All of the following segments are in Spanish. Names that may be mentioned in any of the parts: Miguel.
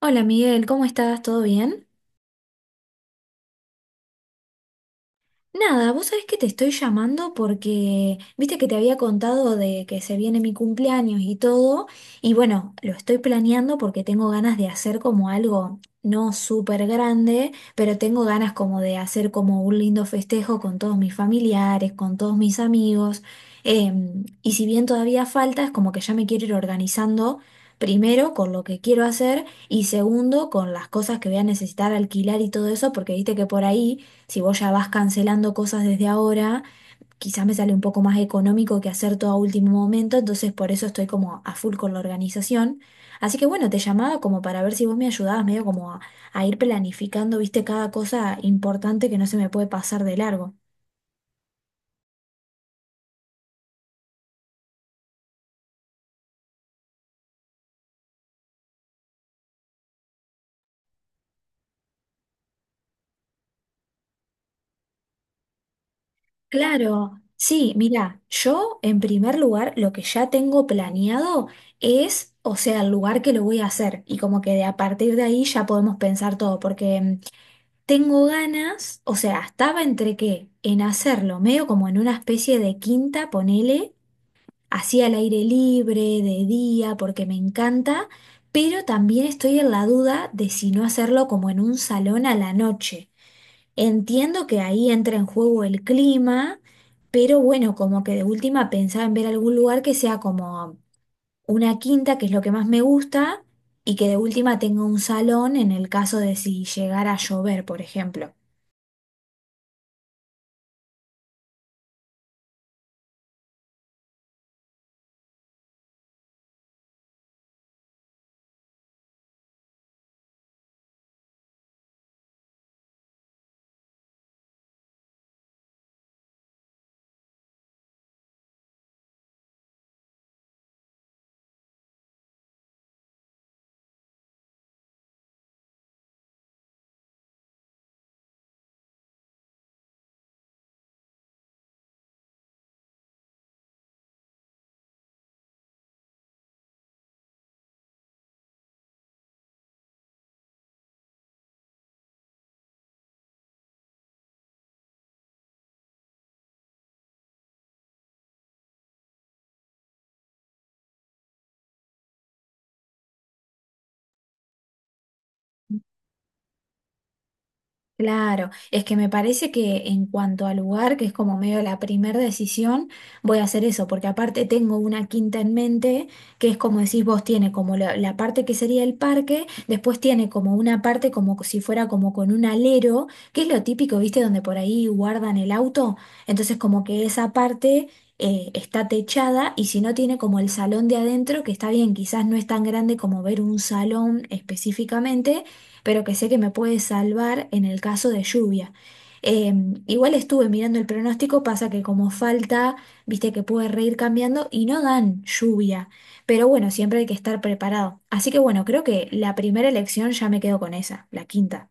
Hola, Miguel, ¿cómo estás? ¿Todo bien? Nada, vos sabés que te estoy llamando porque viste que te había contado de que se viene mi cumpleaños y todo, y bueno, lo estoy planeando porque tengo ganas de hacer como algo no súper grande, pero tengo ganas como de hacer como un lindo festejo con todos mis familiares, con todos mis amigos. Y si bien todavía falta, es como que ya me quiero ir organizando. Primero, con lo que quiero hacer y segundo, con las cosas que voy a necesitar alquilar y todo eso, porque viste que por ahí, si vos ya vas cancelando cosas desde ahora, quizás me sale un poco más económico que hacer todo a último momento, entonces por eso estoy como a full con la organización. Así que bueno, te llamaba como para ver si vos me ayudabas medio como a ir planificando, viste, cada cosa importante que no se me puede pasar de largo. Claro, sí, mira, yo en primer lugar lo que ya tengo planeado es, o sea, el lugar que lo voy a hacer y como que de a partir de ahí ya podemos pensar todo, porque tengo ganas, o sea, estaba entre qué, en hacerlo, medio como en una especie de quinta, ponele, así al aire libre, de día, porque me encanta, pero también estoy en la duda de si no hacerlo como en un salón a la noche. Entiendo que ahí entra en juego el clima, pero bueno, como que de última pensaba en ver algún lugar que sea como una quinta, que es lo que más me gusta, y que de última tenga un salón en el caso de si llegara a llover, por ejemplo. Claro, es que me parece que en cuanto al lugar, que es como medio la primera decisión, voy a hacer eso, porque aparte tengo una quinta en mente, que es como decís vos, tiene como la parte que sería el parque, después tiene como una parte como si fuera como con un alero, que es lo típico, ¿viste? Donde por ahí guardan el auto, entonces como que esa parte... está techada y si no tiene como el salón de adentro, que está bien, quizás no es tan grande como ver un salón específicamente, pero que sé que me puede salvar en el caso de lluvia. Eh, igual estuve mirando el pronóstico, pasa que como falta, viste que puede reír cambiando y no dan lluvia, pero bueno, siempre hay que estar preparado. Así que bueno, creo que la primera elección ya me quedo con esa, la quinta.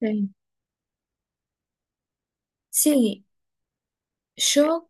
Sí, sí, yo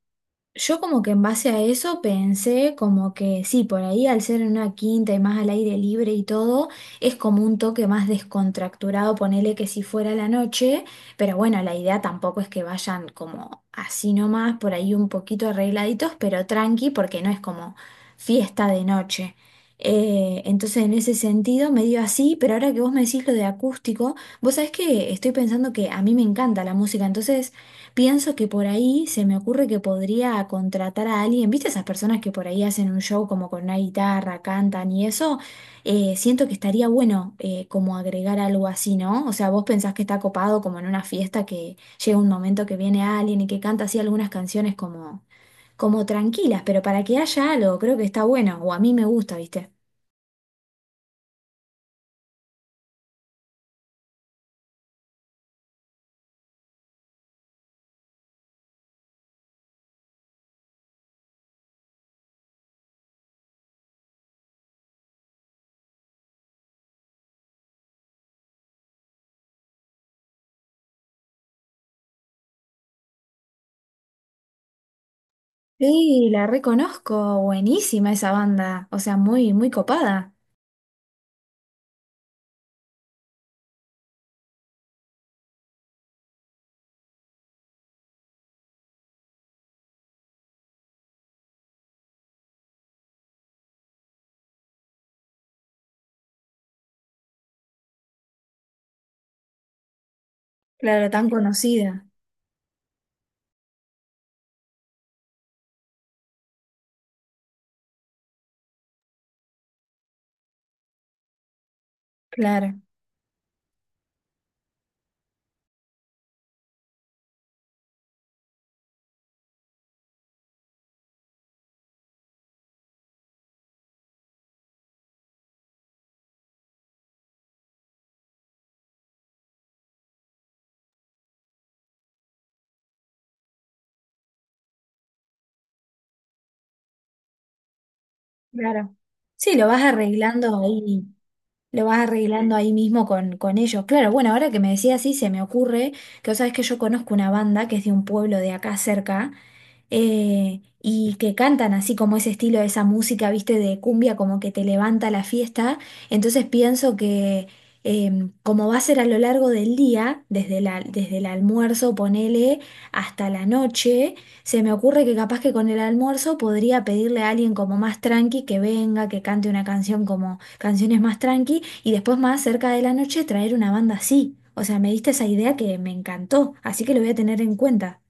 Yo como que en base a eso pensé como que sí, por ahí al ser en una quinta y más al aire libre y todo, es como un toque más descontracturado, ponele que si fuera la noche, pero bueno, la idea tampoco es que vayan como así nomás, por ahí un poquito arregladitos, pero tranqui, porque no es como fiesta de noche. Entonces en ese sentido medio así, pero ahora que vos me decís lo de acústico, vos sabés que estoy pensando que a mí me encanta la música, entonces... Pienso que por ahí se me ocurre que podría contratar a alguien, ¿viste esas personas que por ahí hacen un show como con una guitarra, cantan y eso? Siento que estaría bueno como agregar algo así, ¿no? O sea, ¿vos pensás que está copado como en una fiesta que llega un momento que viene alguien y que canta así algunas canciones como, como tranquilas, pero para que haya algo? Creo que está bueno, o a mí me gusta, ¿viste? Sí, la reconozco, buenísima esa banda, o sea, muy, muy copada, claro, tan conocida, claro. Claro. Sí, lo vas arreglando ahí, lo vas arreglando ahí mismo con ellos. Claro, bueno, ahora que me decías así, se me ocurre que vos sabés que yo conozco una banda que es de un pueblo de acá cerca, y que cantan así como ese estilo de esa música, viste, de cumbia, como que te levanta la fiesta. Entonces pienso que como va a ser a lo largo del día, desde la, desde el almuerzo, ponele, hasta la noche, se me ocurre que capaz que con el almuerzo podría pedirle a alguien como más tranqui que venga, que cante una canción como canciones más tranqui, y después más cerca de la noche traer una banda así. O sea, me diste esa idea que me encantó, así que lo voy a tener en cuenta.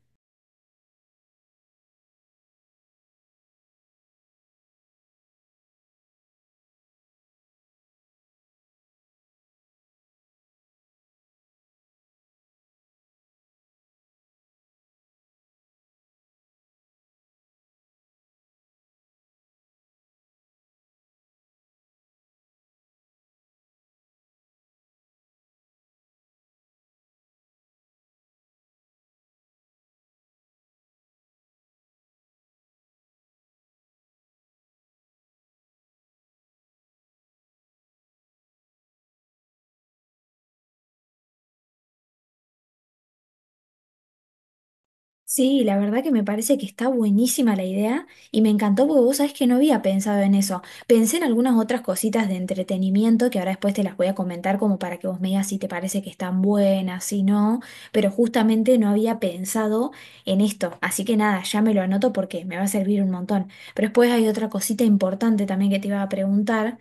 Sí, la verdad que me parece que está buenísima la idea y me encantó porque vos sabés que no había pensado en eso. Pensé en algunas otras cositas de entretenimiento que ahora después te las voy a comentar como para que vos me digas si te parece que están buenas, si no, pero justamente no había pensado en esto. Así que nada, ya me lo anoto porque me va a servir un montón. Pero después hay otra cosita importante también que te iba a preguntar.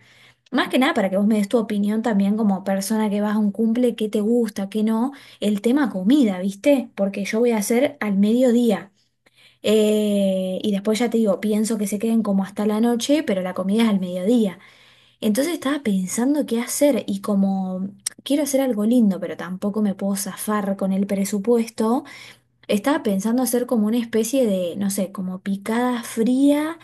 Más que nada para que vos me des tu opinión también como persona que vas a un cumple, qué te gusta, qué no, el tema comida, ¿viste? Porque yo voy a hacer al mediodía. Y después ya te digo, pienso que se queden como hasta la noche, pero la comida es al mediodía. Entonces estaba pensando qué hacer y como quiero hacer algo lindo, pero tampoco me puedo zafar con el presupuesto. Estaba pensando hacer como una especie de, no sé, como picada fría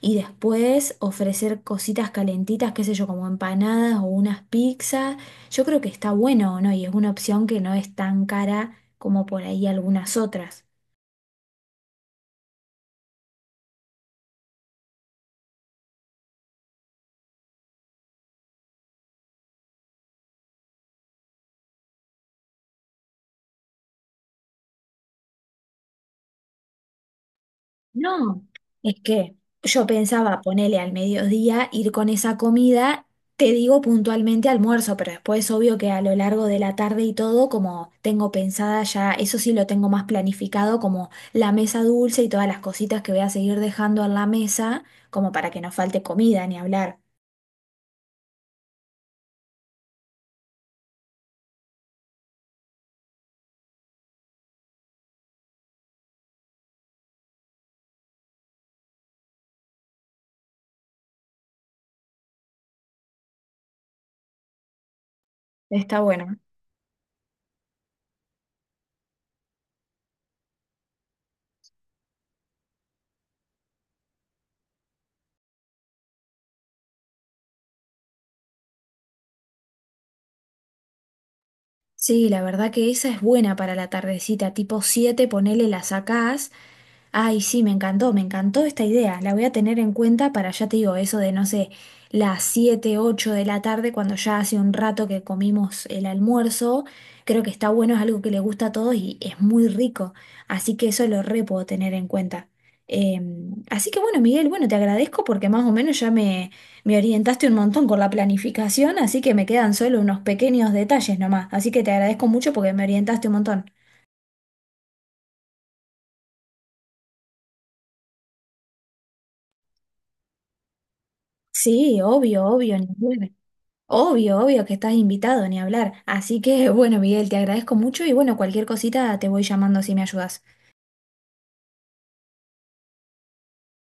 y después ofrecer cositas calentitas, qué sé yo, como empanadas o unas pizzas. Yo creo que está bueno, ¿no? Y es una opción que no es tan cara como por ahí algunas otras. No, es que yo pensaba ponerle al mediodía, ir con esa comida, te digo puntualmente almuerzo, pero después obvio que a lo largo de la tarde y todo, como tengo pensada ya, eso sí lo tengo más planificado, como la mesa dulce y todas las cositas que voy a seguir dejando en la mesa, como para que no falte comida ni hablar. Está bueno. Sí, la verdad que esa es buena para la tardecita, tipo 7, ponele, la sacás. Ay, sí, me encantó esta idea. La voy a tener en cuenta para, ya te digo, eso de, no sé, las 7 u 8 de la tarde, cuando ya hace un rato que comimos el almuerzo. Creo que está bueno, es algo que le gusta a todos y es muy rico. Así que eso lo re puedo tener en cuenta. Eh, Así que bueno, Miguel, bueno, te agradezco porque más o menos ya me orientaste un montón con la planificación, así que me quedan solo unos pequeños detalles nomás. Así que te agradezco mucho porque me orientaste un montón. Sí, obvio, obvio, ni hablar. Obvio, obvio que estás invitado, ni hablar. Así que bueno, Miguel, te agradezco mucho y bueno, cualquier cosita te voy llamando si me ayudas.